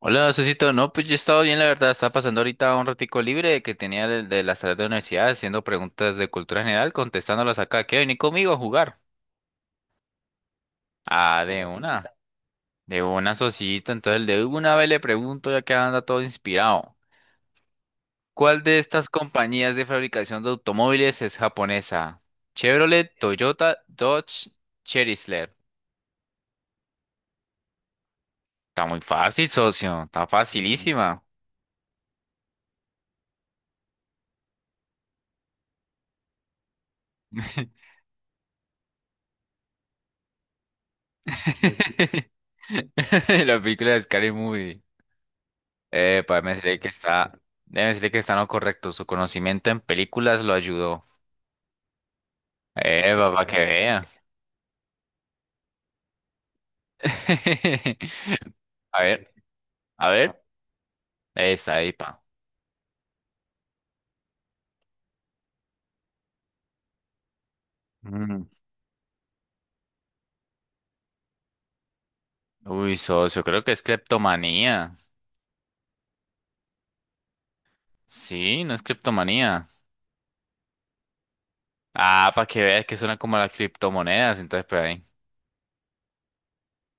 Hola, Susito. No, pues yo he estado bien, la verdad. Estaba pasando ahorita un ratico libre que tenía de las tareas de la universidad, haciendo preguntas de cultura general, contestándolas acá. ¿Qué venir conmigo a jugar? Ah, de una. De una, Susito. Entonces, de una vez le pregunto, ya que anda todo inspirado. ¿Cuál de estas compañías de fabricación de automóviles es japonesa? Chevrolet, Toyota, Dodge, Chrysler. Está muy fácil, socio. Está facilísima. La película de Scary Movie. Para decirle que está, debe decirle que está en lo correcto. Su conocimiento en películas lo ayudó. Para que vea. A ver, a ver. Esa, ahí, pa. Mm. Uy, socio, creo que es criptomanía. Sí, no es criptomanía. Ah, para que veas que suena como las criptomonedas. Entonces, pues ahí.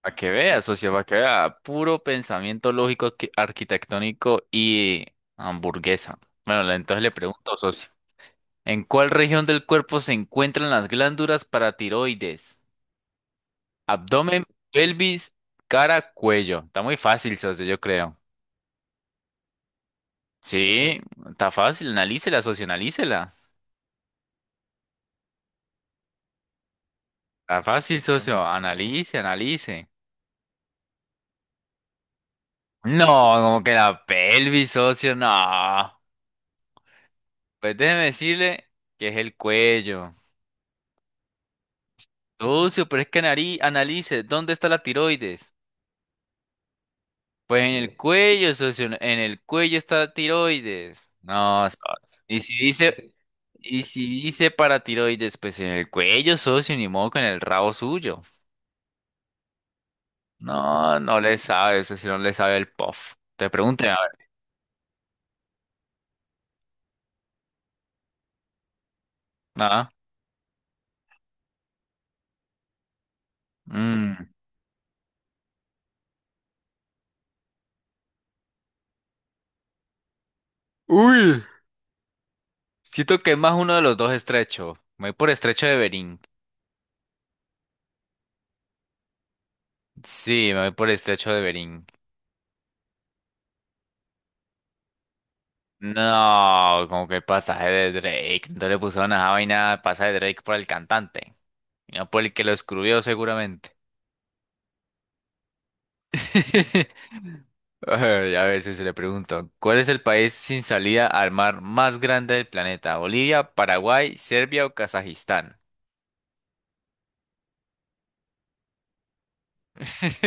Para que veas, socio, para que vea. Puro pensamiento lógico, arquitectónico y hamburguesa. Bueno, entonces le pregunto, socio. ¿En cuál región del cuerpo se encuentran las glándulas paratiroides? Abdomen, pelvis, cara, cuello. Está muy fácil, socio, yo creo. Sí, está fácil. Analícela, socio, analícela. Está fácil, socio. Analice, analice. No, como que la pelvis, socio, no. Pues déjeme decirle que es el cuello. Socio, pero es que analice, ¿dónde está la tiroides? Pues en el cuello, socio, en el cuello está tiroides. No, socio. Y si dice para tiroides, pues en el cuello, socio, ni modo con el rabo suyo. No, no le sabe, socio, no le sabe el puff. Te pregunté, a ver. Ah, mm. Uy, siento que es más uno de los dos estrecho. Me voy por estrecho de Bering. Sí, me voy por estrecho de Bering. No, como que pasaje de Drake. No le pusieron a esa vaina pasaje de Drake por el cantante. No, por el que lo escribió seguramente. Ay, a ver si se le pregunto. ¿Cuál es el país sin salida al mar más grande del planeta? ¿Bolivia, Paraguay, Serbia o Kazajistán?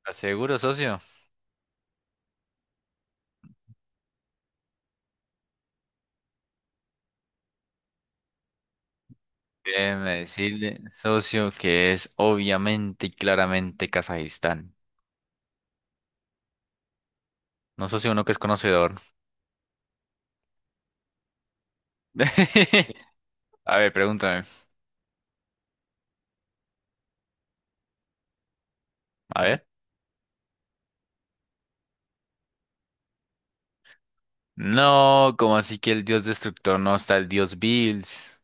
¿Estás seguro, socio? Déjeme decirle, socio, que es obviamente y claramente Kazajistán. No, socio, uno que es conocedor. A ver, pregúntame. A ver. No, como así que el dios destructor no está el dios Bills?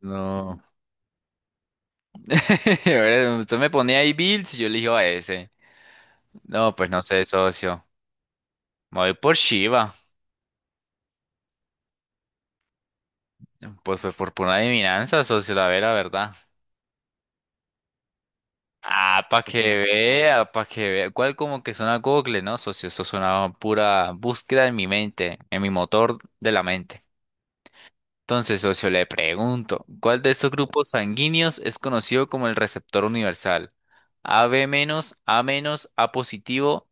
No. Ahora, usted me ponía ahí Bills y yo elijo a ese. No, pues no sé, socio. Me voy por Shiva. Pues fue por pura adivinanza, socio, verdad. Ah, para que vea, para que vea. ¿Cuál como que suena Google, no, socio? Eso suena a pura búsqueda en mi mente, en mi motor de la mente. Entonces, socio, le pregunto, ¿cuál de estos grupos sanguíneos es conocido como el receptor universal? AB menos, A menos, A positivo,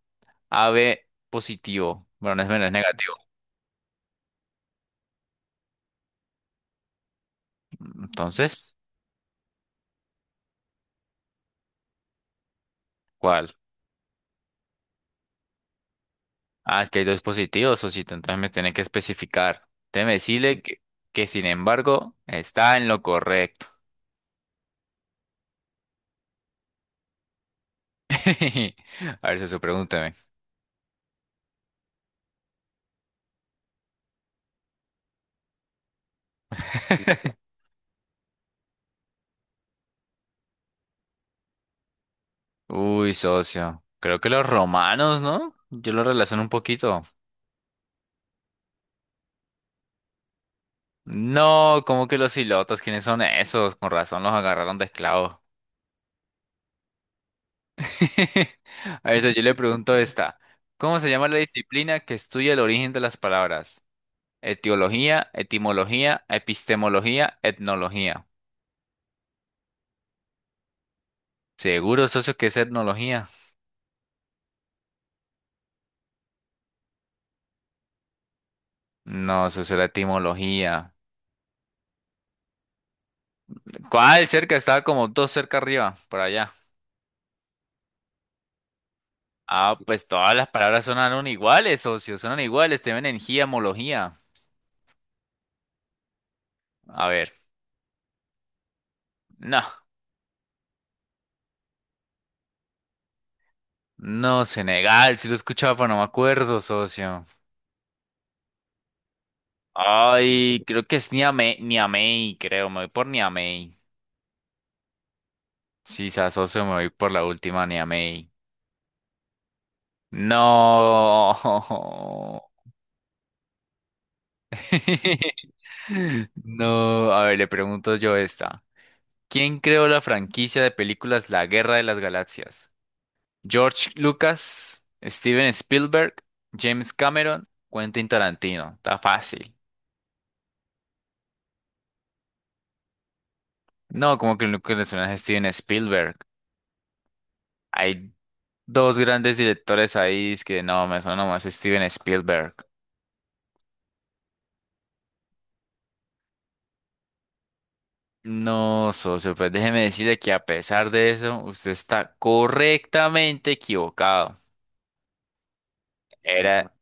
AB positivo. Bueno, no es menos, es negativo. Entonces, ¿cuál? Ah, es que hay dos positivos, socito, entonces me tiene que especificar. Déjeme decirle que, sin embargo, está en lo correcto. A ver, socio, pregúnteme. Uy, socio, creo que los romanos, ¿no? Yo lo relaciono un poquito. No, como que los ilotas? ¿Quiénes son esos? Con razón los agarraron de esclavos. A eso yo le pregunto esta. ¿Cómo se llama la disciplina que estudia el origen de las palabras? Etiología, etimología, epistemología, etnología. ¿Seguro, socio, que es etnología? No, socio, era etimología. ¿Cuál? Cerca, estaba como dos cerca arriba, por allá. Ah, pues todas las palabras sonaron iguales, socio, sonan iguales, te ven en giamología. A ver, no. No, Senegal, si lo escuchaba, pero no me acuerdo, socio. Ay, creo que es Niamey, Niamey, creo, me voy por Niamey. Sí, socio, me voy por la última Niamey. No. No, a ver, le pregunto yo esta. ¿Quién creó la franquicia de películas La Guerra de las Galaxias? George Lucas, Steven Spielberg, James Cameron, Quentin Tarantino. Está fácil. No, como que lo que le suena es Steven Spielberg. Hay dos grandes directores ahí, es que no, me suena nomás Steven Spielberg. No, socio, pues déjeme decirle que, a pesar de eso, usted está correctamente equivocado. Era,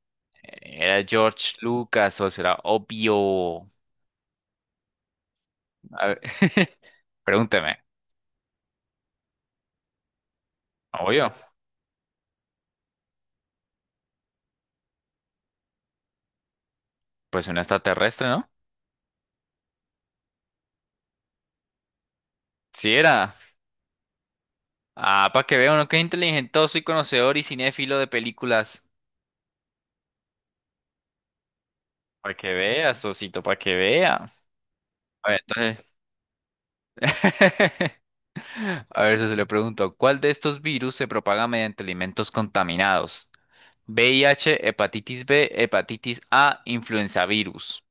era George Lucas, socio, era obvio. A ver, pregúnteme. Obvio, pues un extraterrestre, ¿no? Sí era. Ah, para que vea, uno que es inteligentoso y conocedor y cinéfilo de películas. Para que vea, socito, para que vea. A ver, entonces. A ver, se le pregunto, ¿cuál de estos virus se propaga mediante alimentos contaminados? VIH, hepatitis B, hepatitis A, influenza virus.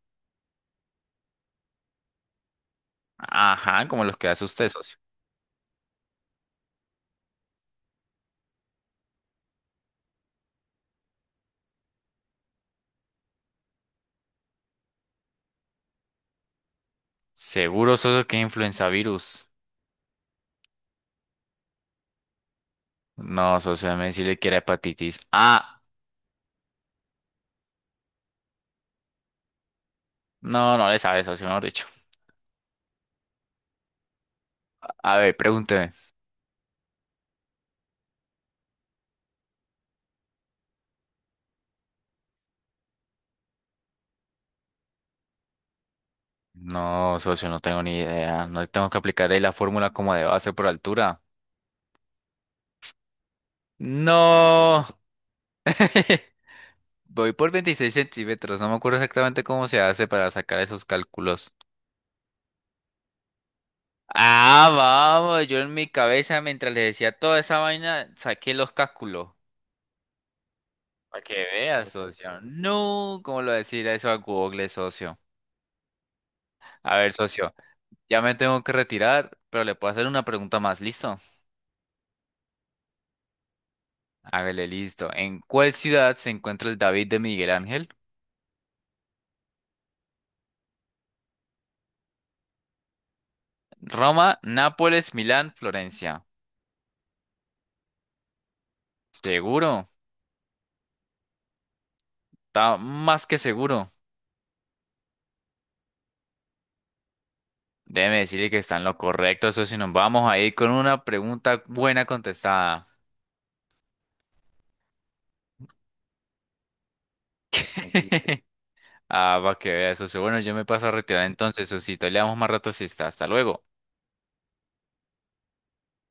Ajá, como los que hace usted, socio. ¿Seguro, socio, que es influenza virus? No, socio, me decirle que era hepatitis A. No, no le sabe, socio, mejor dicho. A ver, pregúnteme. No, socio, no tengo ni idea. No tengo que aplicar ahí la fórmula como de base por altura. No. Voy por 26 cm, no me acuerdo exactamente cómo se hace para sacar esos cálculos. Ah, vamos, yo en mi cabeza, mientras le decía toda esa vaina, saqué los cálculos. Para que veas, socio. No, ¿cómo lo decir eso a Google, socio? A ver, socio, ya me tengo que retirar, pero le puedo hacer una pregunta más, ¿listo? Hágale, listo. ¿En cuál ciudad se encuentra el David de Miguel Ángel? Roma, Nápoles, Milán, Florencia. ¿Seguro? Está más que seguro. Déjeme decirle que está en lo correcto, socio. Nos vamos a ir con una pregunta buena contestada. Ah, para que vea, socio. Bueno, yo me paso a retirar entonces, socio. Le damos más rato si está. Hasta luego.